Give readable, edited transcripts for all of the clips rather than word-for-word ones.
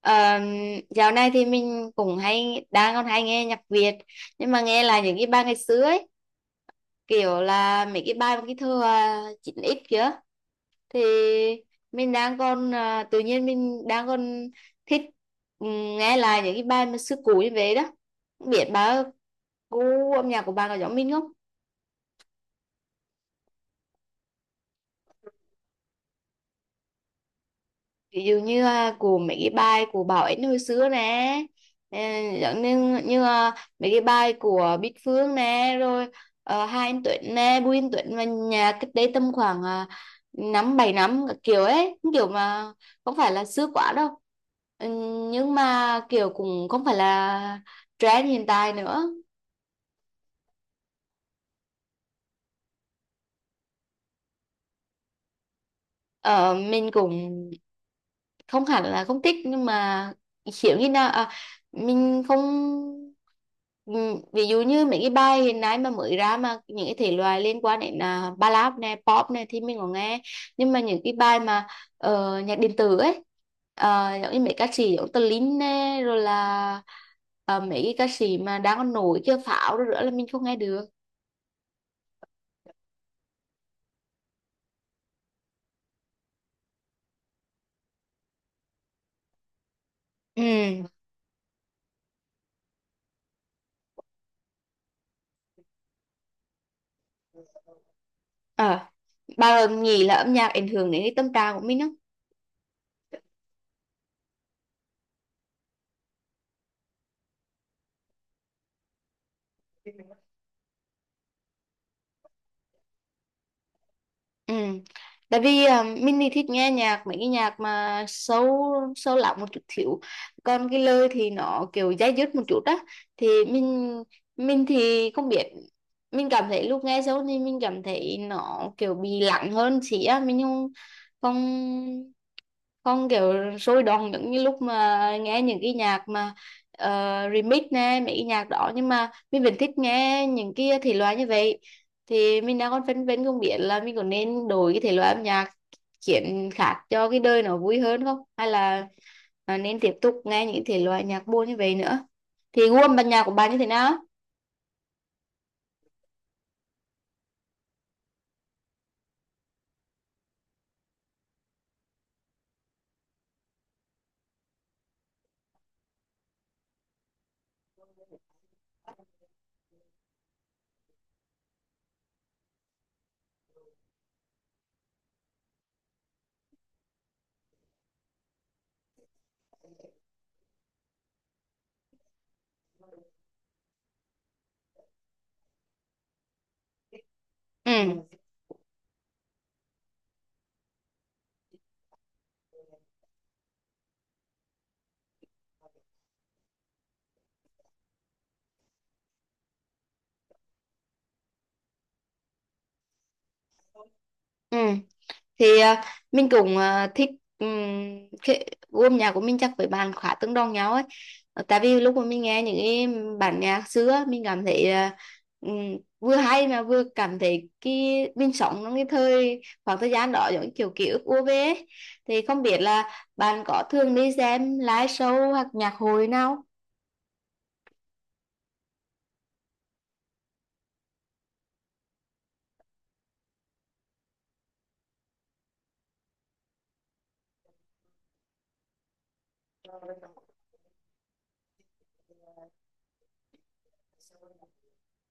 Ờ, Dạo này thì mình cũng hay đang còn hay nghe nhạc Việt, nhưng mà nghe là những cái bài ngày xưa ấy, kiểu là mấy cái bài mà cái thơ 9x kia, thì mình đang còn tự nhiên mình đang còn thích, ừm, nghe lại những cái bài mà xưa cũ như vậy đó. Không biết bà, gu âm nhạc của bà có giống mình không? Ví dụ như của mấy cái bài của Bảo Ánh hồi xưa nè, ờ, giống như như à, mấy cái bài của Bích Phương nè, rồi Hai Anh Tuấn nè, Bùi Anh Tuấn, và nhà cách đây tầm khoảng năm bảy năm các kiểu ấy, kiểu mà không phải là xưa quá đâu. Ừ, nhưng mà kiểu cũng không phải là trend hiện tại nữa. Ờ, mình cũng không hẳn là không thích, nhưng mà hiểu như nào mình không, ví dụ như mấy cái bài hiện nay mà mới ra, mà những cái thể loại liên quan đến ballad này, pop này, thì mình có nghe. Nhưng mà những cái bài mà nhạc điện tử ấy, giống như mấy ca sĩ giống Tờ Linh này, rồi là mấy cái ca sĩ mà đang còn nổi kia, Pháo, rồi nữa là mình không nghe được. Ừ. à, bà nghĩ là âm nhạc ảnh hưởng đến cái tâm trạng của mình không? Ừ. Tại vì mình thì thích nghe nhạc, mấy cái nhạc mà sâu sâu lắng một chút xíu, còn cái lời thì nó kiểu dai dứt một chút á, thì mình thì không biết, mình cảm thấy lúc nghe sâu thì mình cảm thấy nó kiểu bị lặng hơn xí á, mình không không không kiểu sôi động giống như lúc mà nghe những cái nhạc mà ờ, remix nè, mấy cái nhạc đó, nhưng mà mình vẫn thích nghe những cái thể loại như vậy. Thì mình đang còn phân vân không biết là mình có nên đổi cái thể loại âm nhạc, chuyển khác cho cái đời nó vui hơn không, hay là nên tiếp tục nghe những thể loại nhạc buồn như vậy nữa? Thì gu âm ban nhạc của bạn như thế nào? Ừ, ừ. Thì mình cũng thích, um, cái gu âm nhạc của mình chắc với bạn khá tương đồng nhau ấy. Ờ, tại vì lúc mà mình nghe những cái bản nhạc xưa, mình cảm thấy ừm, vừa hay mà vừa cảm thấy cái, mình sống trong cái thời, khoảng thời gian đó, giống như kiểu ký ức ùa về ấy. Thì không biết là bạn có thường đi xem live show hoặc nhạc hội nào?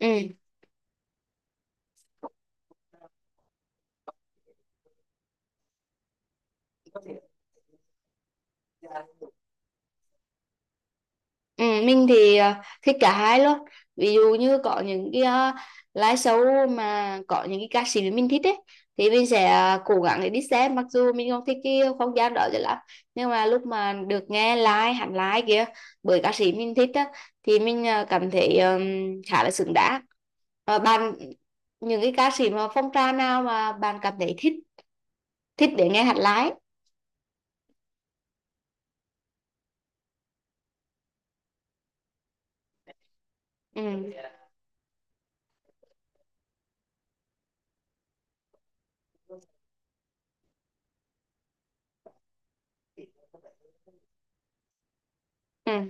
Ừ. Ừ, mình thì thích cả hai luôn. Ví dụ như có những cái live show mà có những cái ca sĩ mà mình thích ấy, thì mình sẽ cố gắng để đi xem, mặc dù mình không thích cái không gian đó cho lắm, nhưng mà lúc mà được nghe live, hẳn live kia, bởi ca sĩ mình thích á, thì mình cảm thấy khá là xứng đáng. Ờ, bạn, những cái ca sĩ mà phong trào nào mà bạn cảm thấy thích thích để nghe hẳn live? Ừ, ừ,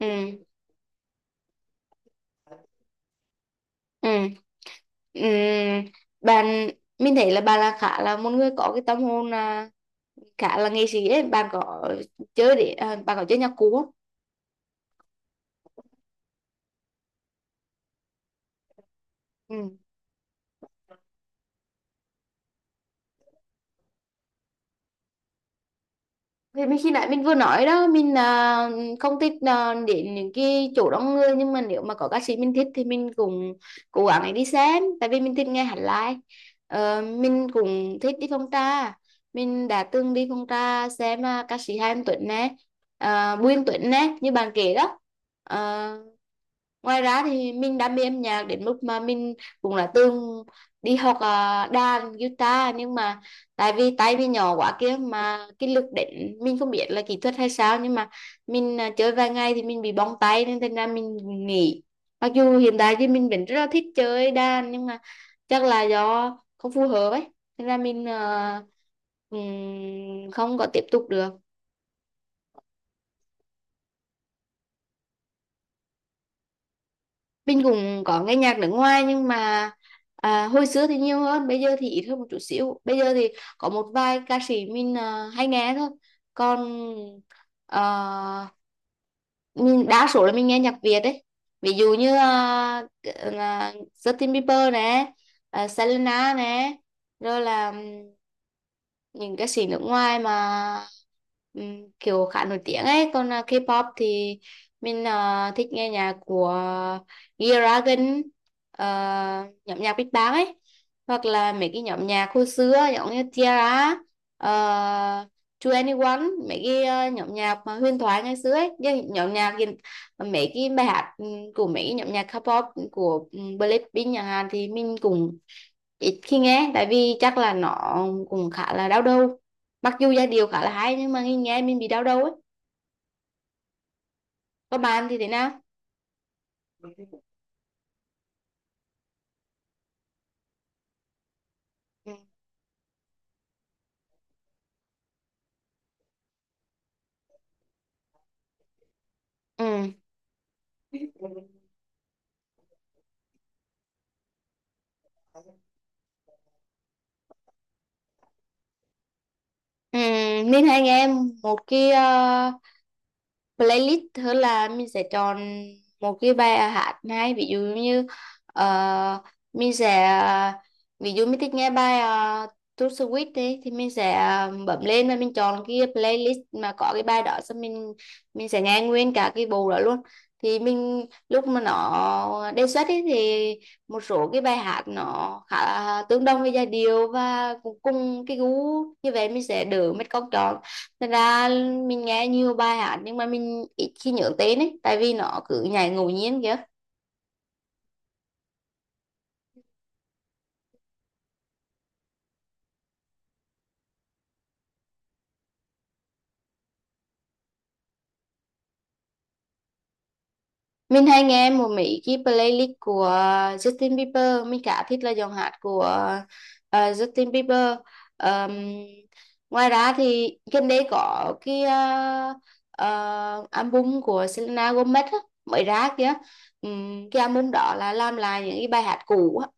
ừ, ừ. Ừm, bạn, mình thấy là bạn là khá là một người có cái tâm hồn khá là nghệ sĩ ấy. Bạn có chơi nhạc cụ không? Thì mình khi nãy mình vừa nói đó, mình không thích đến những cái chỗ đông người, nhưng mà nếu mà có ca sĩ mình thích thì mình cũng cố gắng để đi xem, tại vì mình thích nghe hát live. Ờ, mình cũng thích đi phong trà, mình đã từng đi phong trà xem ca sĩ Hà Anh Tuấn nè, Bùi Anh Tuấn nè, như bạn kể đó. Ờ, ngoài ra thì mình đam mê âm nhạc đến mức mà mình cũng đã từng đi học đàn guitar, nhưng mà tại vì tay mình nhỏ quá kia, mà cái lực đánh, mình không biết là kỹ thuật hay sao, nhưng mà mình chơi vài ngày thì mình bị bong tay, nên thành ra mình nghỉ. Mặc dù hiện tại thì mình vẫn rất là thích chơi đàn, nhưng mà chắc là do không phù hợp ấy, nên là mình không có tiếp tục được. Mình cũng có nghe nhạc nước ngoài, nhưng mà hồi xưa thì nhiều hơn, bây giờ thì ít hơn một chút xíu. Bây giờ thì có một vài ca sĩ mình hay nghe thôi. Còn ờ, mình đa số là mình nghe nhạc Việt đấy. Ví dụ như Justin Bieber nè, Selena nè, rồi là những ca sĩ nước ngoài mà kiểu khá nổi tiếng ấy. Còn K-pop thì mình thích nghe nhạc của G-Dragon, ờ, nhóm nhạc Big Bang ấy, hoặc là mấy cái nhóm nhạc hồi xưa giống như Tiara, uh, 2NE1, mấy cái nhóm nhạc mà huyền thoại ngày xưa ấy. Chứ nhóm nhạc hiện- Mấy cái bài hát của mấy cái nhóm nhạc K-pop, của Blackpink chẳng hạn, thì mình cũng ít khi nghe, tại vì chắc là nó cũng khá là đau đầu, mặc dù giai điệu khá là hay, nhưng mà nghe nghe mình bị đau đầu ấy. Có, bạn thì thế nào? Ừ, ừ, ừ. Mình hay nghe một cái playlist, tức là mình sẽ chọn một cái bài hát hay. Ví dụ như ờ, mình sẽ, ví dụ mình thích nghe bài uh, To Sweet đi thì mình sẽ bấm lên và mình chọn cái playlist mà có cái bài đó, xong mình sẽ nghe nguyên cả cái bộ đó luôn. Thì mình lúc mà nó đề xuất ấy, thì một số cái bài hát nó khá là tương đồng với giai điệu và cũng cùng cái gu như vậy, mình sẽ đỡ mất công chọn. Thật ra mình nghe nhiều bài hát, nhưng mà mình ít khi nhớ tên ấy, tại vì nó cứ nhảy ngẫu nhiên kìa. Mình hay nghe một mấy cái playlist của Justin Bieber, mình khá thích là giọng hát của Justin Bieber. Ờm, ngoài ra thì gần đây có cái album của Selena Gomez á, mới ra kìa. Cái album đó là làm lại những cái bài hát cũ á,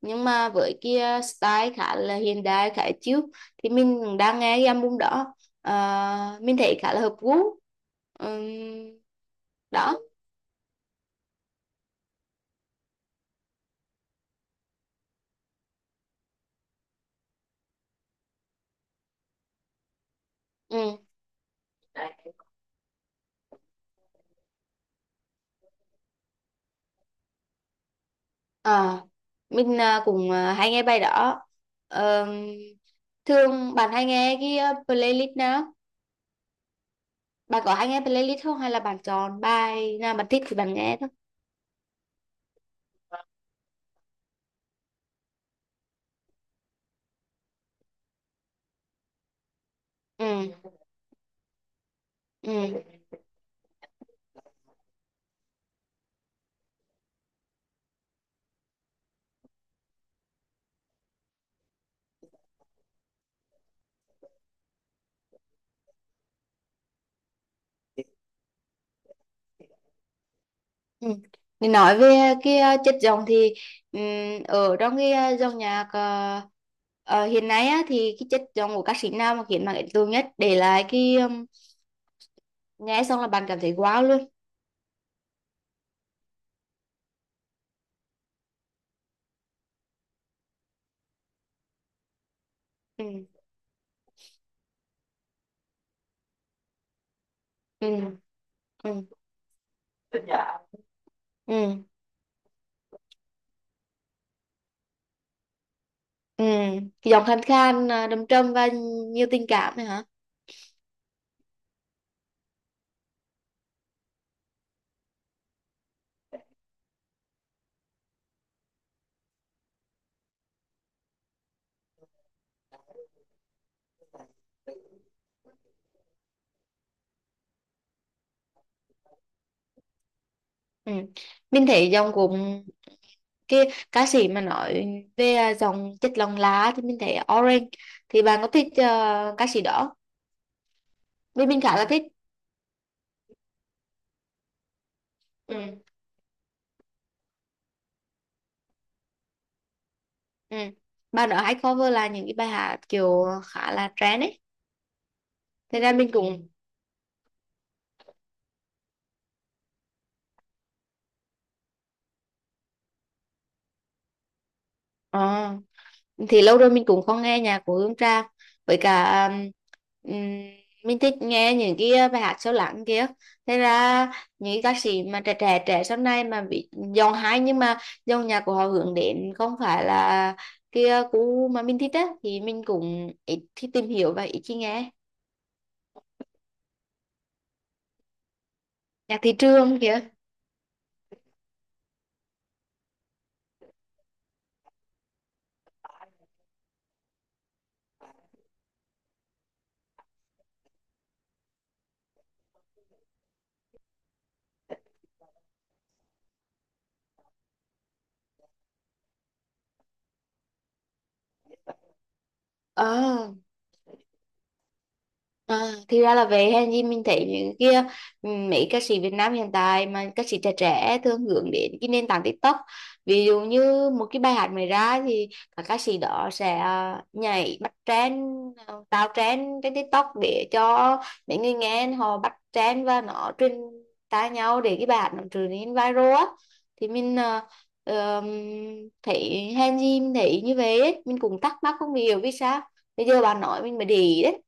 nhưng mà với kia style khá là hiện đại, khá chill, thì mình cũng đang nghe cái album đó. Ờ, mình thấy khá là hợp gu. Ừm, đó, ừ. Ờ, mình cũng hay nghe bài đó. Ờm, thường bạn hay nghe cái playlist nào? Bạn có hay nghe playlist không, hay là bạn chọn bài nào bạn thích thì bạn nghe thôi? Ừ. Ừ. Ừ. Thì nói về cái chất giọng thì, ở trong cái dòng nhạc ờ, hiện nay á, thì cái chất giọng của ca sĩ nào mà khiến bạn ấn tượng nhất, để lại cái, nghe xong là bạn cảm thấy wow luôn? Ừ. Ừ. Ừ. Ừ. Ừ. Cái giọng khàn khàn, đầm trầm và nhiều tình cảm này hả? Ừ. Mình thấy giọng của cái ca sĩ mà nói về giọng chất lòng lá thì mình thấy Orange, thì bạn có thích ca sĩ đó? Vì mình khá là thích. Ừ. Ừ. Bài đó hay cover là những cái bài hát kiểu khá là trend ấy. Thế ra mình cũng, ờ, thì lâu rồi mình cũng không nghe nhạc của Hương Trang. Với cả, um, mình thích nghe những cái bài hát sâu lắng kia. Thế ra những cái ca sĩ mà trẻ trẻ trẻ sau này mà bị giọng hay, nhưng mà dòng nhạc của họ hướng đến không phải là kia cũ mà mình thích á, thì mình cũng ít khi tìm hiểu và ít khi nghe. Nhạc thị trường kia. Ờ À, thì ra là vậy. Hay gì mình thấy những kia, mấy ca sĩ Việt Nam hiện tại mà ca sĩ trẻ trẻ thường hướng đến cái nền tảng TikTok. Ví dụ như một cái bài hát mới ra thì các ca sĩ đó sẽ nhảy bắt trend, tạo trend trên TikTok để cho mấy người nghe họ bắt trend và nó truyền tai nhau để cái bài hát nó trở nên viral á. Thì mình ờm, thấy hay gì mình thấy như vậy ấy. Mình cũng thắc mắc không hiểu vì sao, bây giờ bà nói mình mới để ý đấy.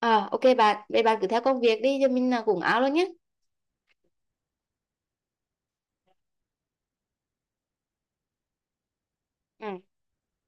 À, ok bạn, vậy bạn cứ theo công việc đi, cho mình là cũng áo luôn nhé. Ừ.